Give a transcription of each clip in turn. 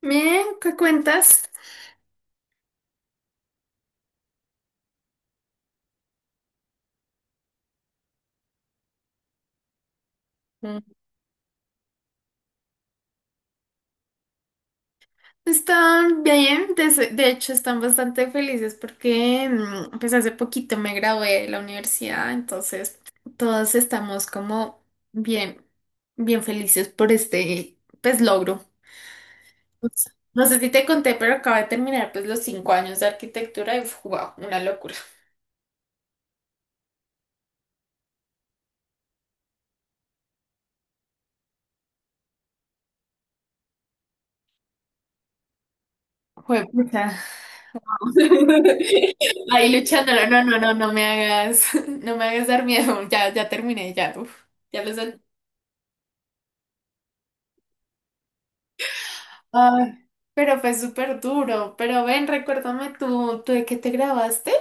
Bien, ¿qué cuentas? Mm. Están bien, de hecho están bastante felices porque pues hace poquito me gradué de la universidad, entonces todos estamos como bien, bien felices por este pues logro. Pues, no sé si te conté, pero acabo de terminar pues los 5 años de arquitectura y wow, una locura. Juepucha. Ahí luchando, no, no, no, no no me hagas, no me hagas dar miedo, ya, ya terminé, ya, uf, ya los ay, pero fue súper duro. Pero ven, recuérdame tú, ¿tú de qué te grabaste?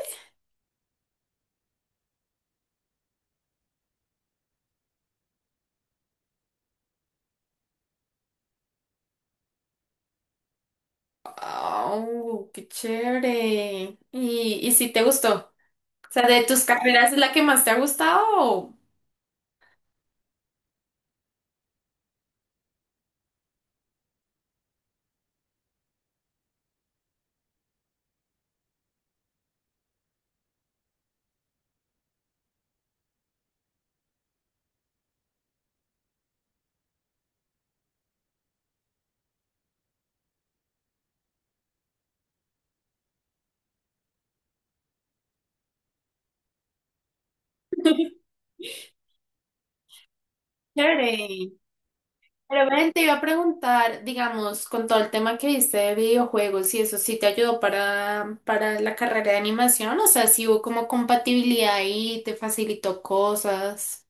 Oh, qué chévere. ¿Y si te gustó? O sea, ¿de tus carreras es la que más te ha gustado? Chévere. Pero ven, te iba a preguntar, digamos, con todo el tema que viste de videojuegos y eso, ¿sí te ayudó para la carrera de animación? O sea, si hubo como compatibilidad y te facilitó cosas.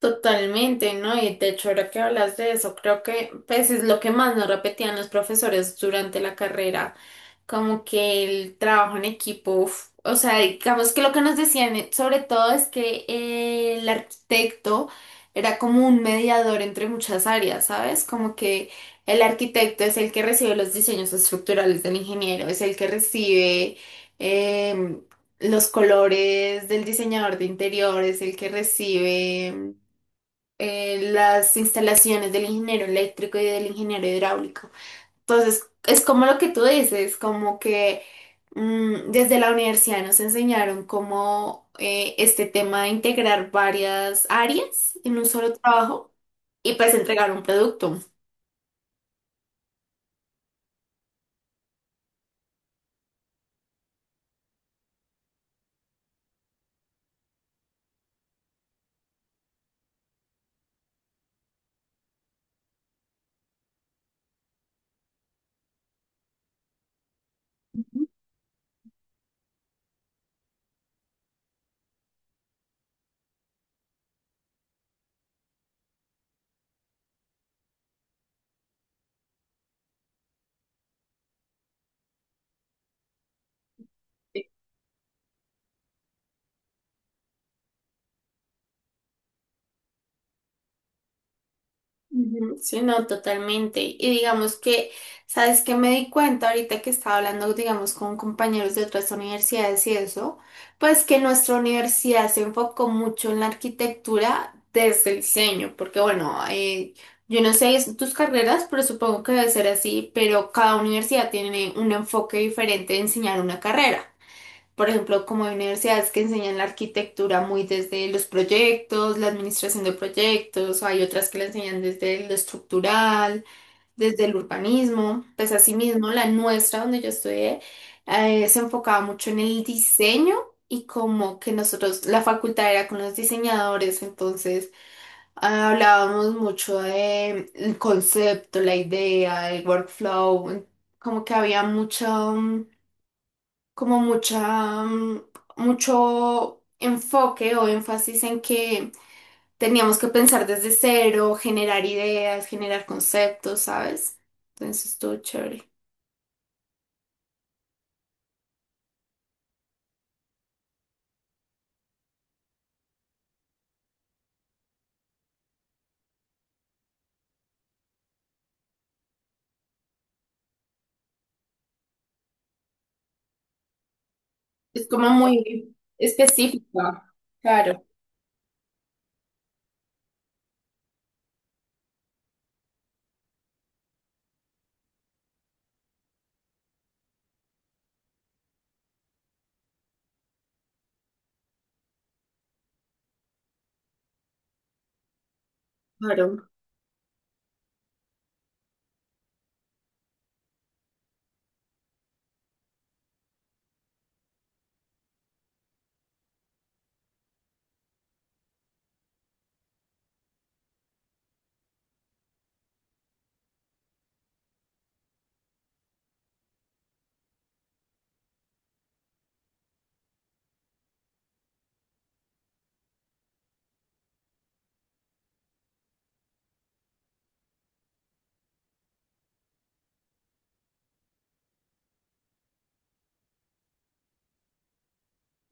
Totalmente, ¿no? Y de hecho, ahora que hablas de eso, creo que pues es lo que más nos repetían los profesores durante la carrera, como que el trabajo en equipo, uf, o sea, digamos que lo que nos decían sobre todo es que el arquitecto era como un mediador entre muchas áreas, ¿sabes? Como que el arquitecto es el que recibe los diseños estructurales del ingeniero, es el que recibe em, los colores del diseñador de interiores, el que recibe las instalaciones del ingeniero eléctrico y del ingeniero hidráulico. Entonces, es como lo que tú dices, como que desde la universidad nos enseñaron cómo este tema de integrar varias áreas en un solo trabajo y pues entregar un producto. Ujú, sí, no, totalmente. Y digamos que, ¿sabes qué me di cuenta ahorita que estaba hablando, digamos, con compañeros de otras universidades y eso? Pues que nuestra universidad se enfocó mucho en la arquitectura desde el diseño, porque bueno, yo no sé tus carreras, pero supongo que debe ser así, pero cada universidad tiene un enfoque diferente de enseñar una carrera. Por ejemplo, como hay universidades que enseñan la arquitectura muy desde los proyectos, la administración de proyectos, o hay otras que la enseñan desde lo estructural, desde el urbanismo. Pues asimismo, la nuestra, donde yo estudié, se enfocaba mucho en el diseño y como que nosotros, la facultad era con los diseñadores, entonces hablábamos mucho de el concepto, la idea, el workflow, como que había mucho... mm, como mucha, mm, mucho enfoque o énfasis en que teníamos que pensar desde cero, generar ideas, generar conceptos, ¿sabes? Entonces estuvo chévere. Es como muy específica. Claro, claro.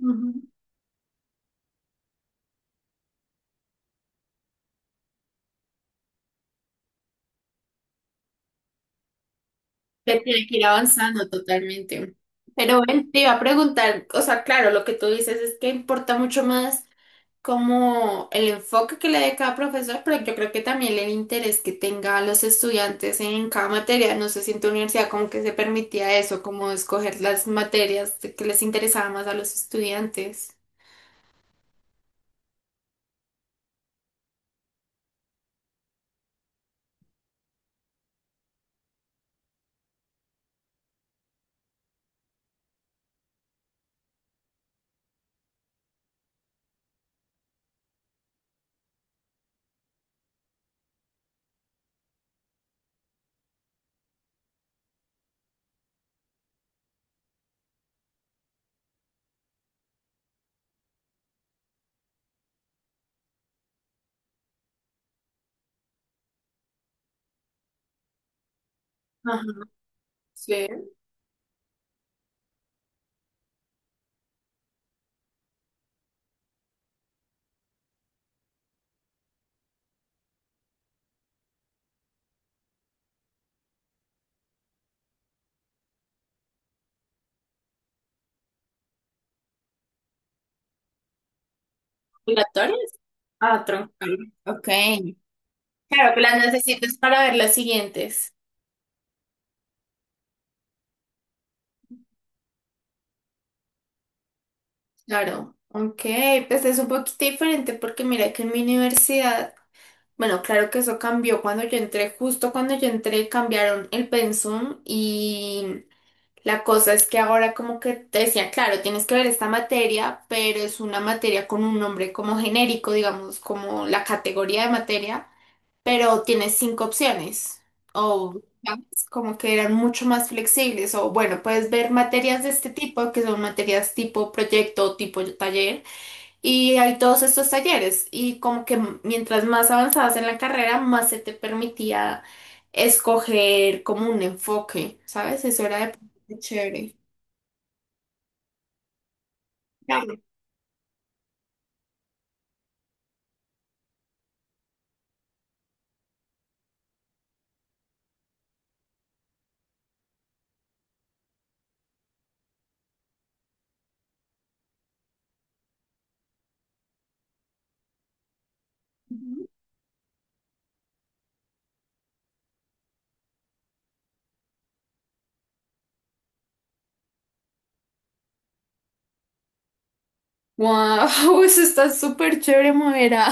Ujú. Que tiene que ir avanzando totalmente. Pero bueno, te iba a preguntar, o sea, claro, lo que tú dices es que importa mucho más, como el enfoque que le dé cada profesor, pero yo creo que también el interés que tenga los estudiantes en cada materia. No sé si en tu universidad como que se permitía eso, como escoger las materias que les interesaba más a los estudiantes. Ajá, sí. ¿Obligatorias? Ah, troncal. Ok. Claro, que las necesitas para ver las siguientes. Claro. Ok, pues es un poquito diferente porque mira que en mi universidad. Bueno, claro que eso cambió cuando yo entré, justo cuando yo entré cambiaron el pensum y la cosa es que ahora como que te decía, claro, tienes que ver esta materia, pero es una materia con un nombre como genérico, digamos, como la categoría de materia, pero tienes cinco opciones o ¿sabes? Como que eran mucho más flexibles o bueno, puedes ver materias de este tipo que son materias tipo proyecto, tipo taller y hay todos estos talleres y como que mientras más avanzabas en la carrera, más se te permitía escoger como un enfoque, ¿sabes? Eso era de chévere. Claro. Wow, eso está súper chévere, me hubiera,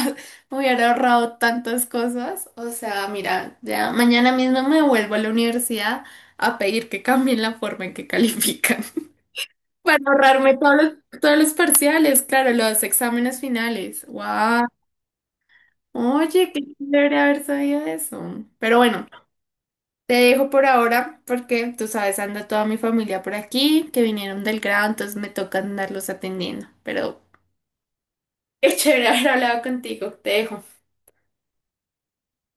me hubiera ahorrado tantas cosas. O sea, mira, ya mañana mismo me vuelvo a la universidad a pedir que cambien la forma en que califican. Para ahorrarme todos los parciales, claro, los exámenes finales. Wow. Oye, qué chévere haber sabido eso. Pero bueno, te dejo por ahora porque tú sabes, anda toda mi familia por aquí, que vinieron del grado, entonces me toca andarlos atendiendo. Pero qué chévere haber hablado contigo. Te dejo.